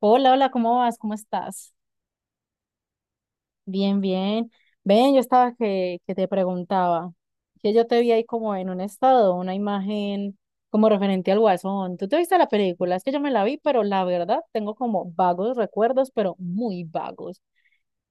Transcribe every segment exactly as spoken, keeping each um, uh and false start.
Hola, hola, ¿cómo vas? ¿Cómo estás? Bien, bien. Ven, yo estaba que, que te preguntaba, que yo te vi ahí como en un estado, una imagen como referente al Guasón. ¿Tú te viste la película? Es que yo me la vi, pero la verdad tengo como vagos recuerdos, pero muy vagos.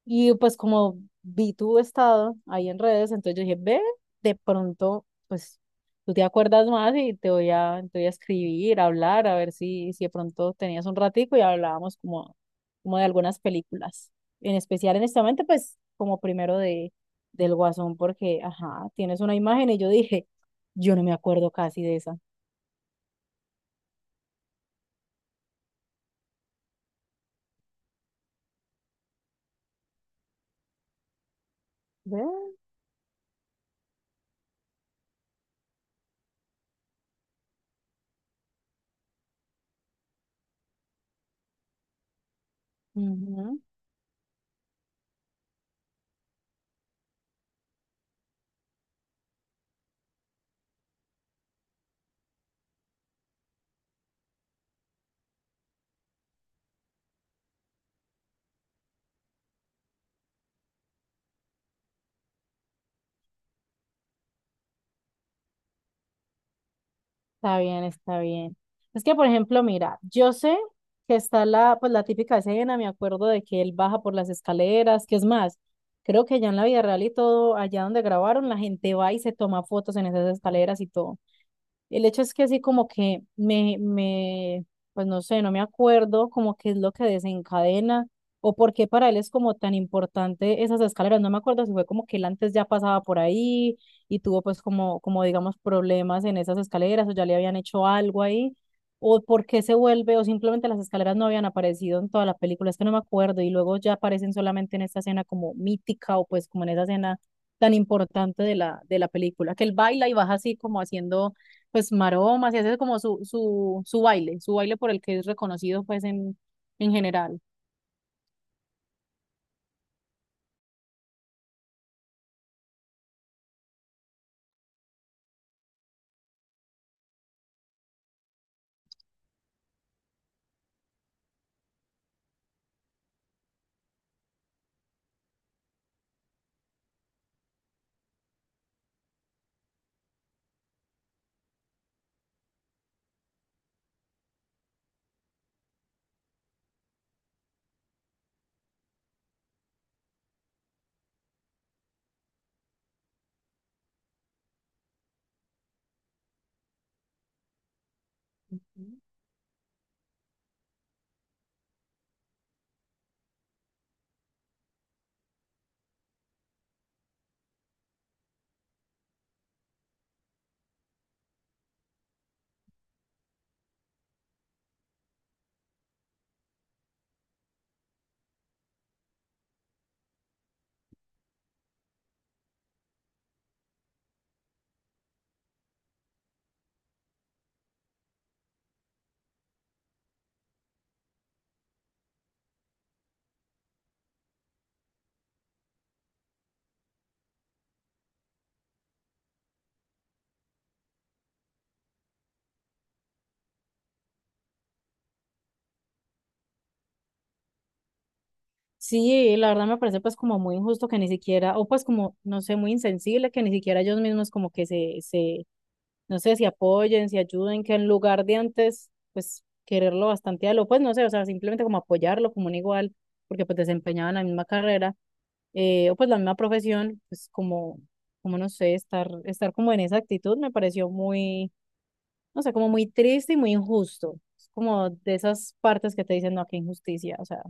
Y pues como vi tu estado ahí en redes, entonces yo dije, ve, de pronto, pues tú te acuerdas más y te voy a, te voy a escribir, a hablar, a ver si, si de pronto tenías un ratico y hablábamos como, como de algunas películas. En especial en este momento, pues como primero de, del Guasón, porque, ajá, tienes una imagen y yo dije, yo no me acuerdo casi de esa. Ve. Ujú. Está bien, está bien. Es que, por ejemplo, mira, yo sé que está la, pues, la típica escena, me acuerdo de que él baja por las escaleras, que es más, creo que ya en la vida real y todo, allá donde grabaron, la gente va y se toma fotos en esas escaleras y todo. El hecho es que así como que me, me, pues no sé, no me acuerdo como qué es lo que desencadena o por qué para él es como tan importante esas escaleras. No me acuerdo si fue como que él antes ya pasaba por ahí y tuvo pues como, como digamos problemas en esas escaleras o ya le habían hecho algo ahí o por qué se vuelve o simplemente las escaleras no habían aparecido en toda la película. Es que no me acuerdo y luego ya aparecen solamente en esta escena como mítica o pues como en esa escena tan importante de la, de la película, que él baila y baja así como haciendo pues maromas y hace como su, su, su baile, su baile por el que es reconocido pues en, en general. Sí, la verdad me parece pues como muy injusto que ni siquiera, o pues como, no sé, muy insensible que ni siquiera ellos mismos como que se, se, no sé, si apoyen, si ayuden, que en lugar de antes, pues quererlo bastante a lo, pues no sé, o sea, simplemente como apoyarlo como un igual, porque pues desempeñaban la misma carrera, eh, o pues la misma profesión, pues como, como no sé, estar, estar como en esa actitud me pareció muy no sé, como muy triste y muy injusto. Es como de esas partes que te dicen, no, qué injusticia, o sea,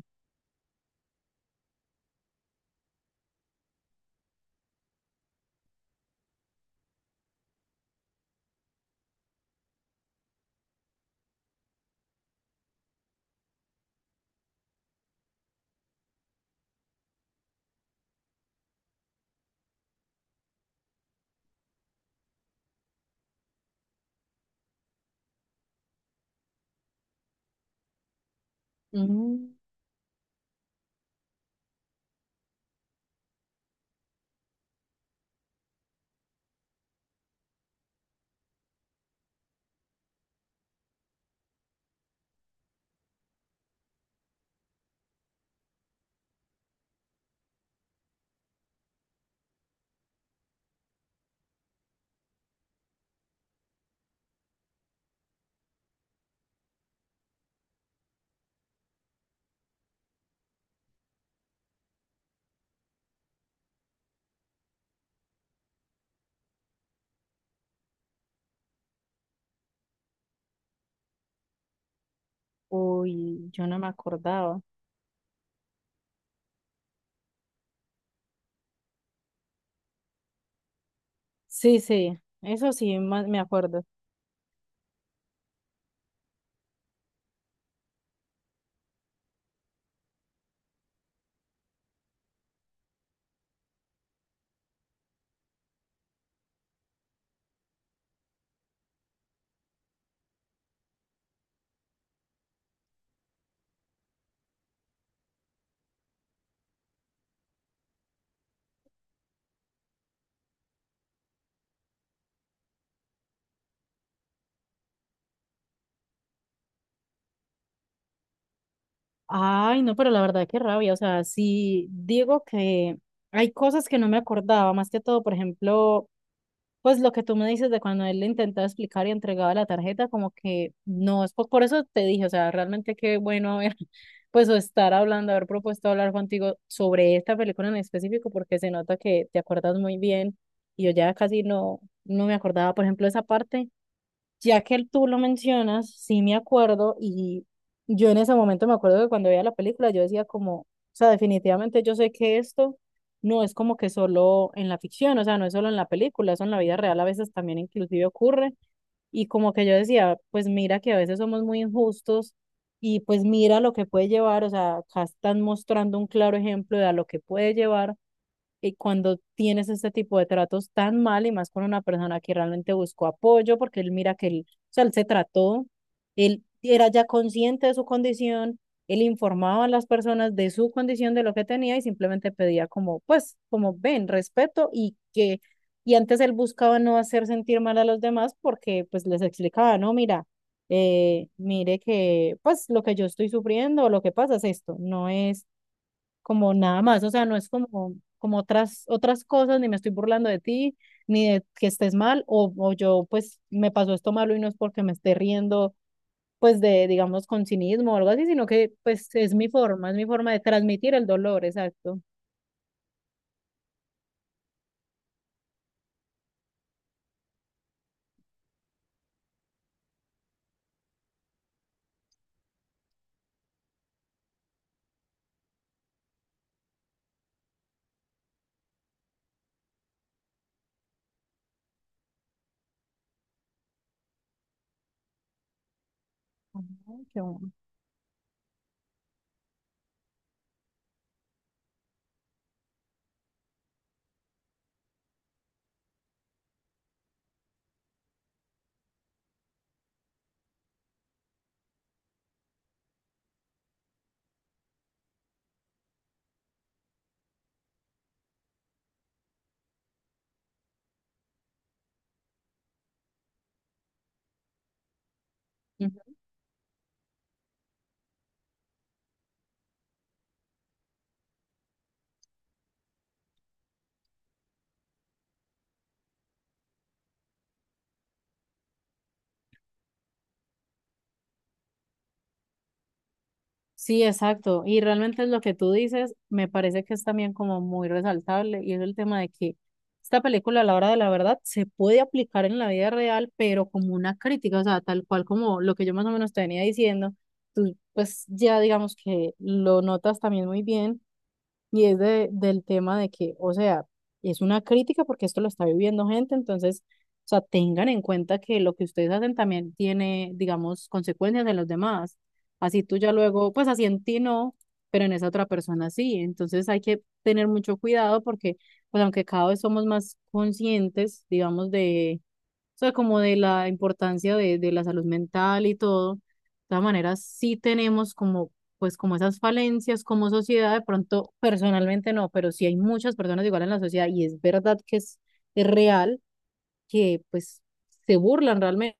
mm, uy, yo no me acordaba. Sí, sí, eso sí, ma- me acuerdo. Ay, no, pero la verdad, qué rabia, o sea, sí, digo que hay cosas que no me acordaba, más que todo, por ejemplo, pues lo que tú me dices de cuando él le intentaba explicar y entregaba la tarjeta, como que no, es po- por, eso te dije, o sea, realmente qué bueno haber, pues o estar hablando, haber propuesto hablar contigo sobre esta película en específico, porque se nota que te acuerdas muy bien y yo ya casi no, no me acordaba, por ejemplo, esa parte ya que tú lo mencionas, sí me acuerdo y yo en ese momento me acuerdo que cuando veía la película yo decía como, o sea, definitivamente yo sé que esto no es como que solo en la ficción, o sea, no es solo en la película, eso en la vida real a veces también inclusive ocurre y como que yo decía, pues mira que a veces somos muy injustos y pues mira lo que puede llevar, o sea, acá están mostrando un claro ejemplo de a lo que puede llevar y cuando tienes este tipo de tratos tan mal y más con una persona que realmente buscó apoyo, porque él mira que él, o sea, él se trató, él era ya consciente de su condición, él informaba a las personas de su condición, de lo que tenía y simplemente pedía como, pues, como ven, respeto y que, y antes él buscaba no hacer sentir mal a los demás porque pues les explicaba, no, mira, eh, mire que pues lo que yo estoy sufriendo o lo que pasa es esto, no es como nada más, o sea, no es como, como otras, otras cosas, ni me estoy burlando de ti, ni de que estés mal, o, o yo pues me pasó esto malo y no es porque me esté riendo pues de, digamos, con cinismo o algo así, sino que pues es mi forma, es mi forma de transmitir el dolor, exacto. Ah, qué bueno. Sí, exacto. Y realmente lo que tú dices me parece que es también como muy resaltable y es el tema de que esta película a la hora de la verdad se puede aplicar en la vida real, pero como una crítica, o sea, tal cual como lo que yo más o menos te venía diciendo, tú pues ya digamos que lo notas también muy bien y es de, del tema de que, o sea, es una crítica porque esto lo está viviendo gente, entonces, o sea, tengan en cuenta que lo que ustedes hacen también tiene, digamos, consecuencias en los demás. Así tú ya luego, pues así en ti no, pero en esa otra persona sí. Entonces hay que tener mucho cuidado porque, pues aunque cada vez somos más conscientes, digamos, de o sea, como de la importancia de, de la salud mental y todo. De todas maneras, sí tenemos como, pues, como esas falencias como sociedad, de pronto personalmente no, pero sí hay muchas personas igual en la sociedad y es verdad que es, es real que, pues, se burlan realmente.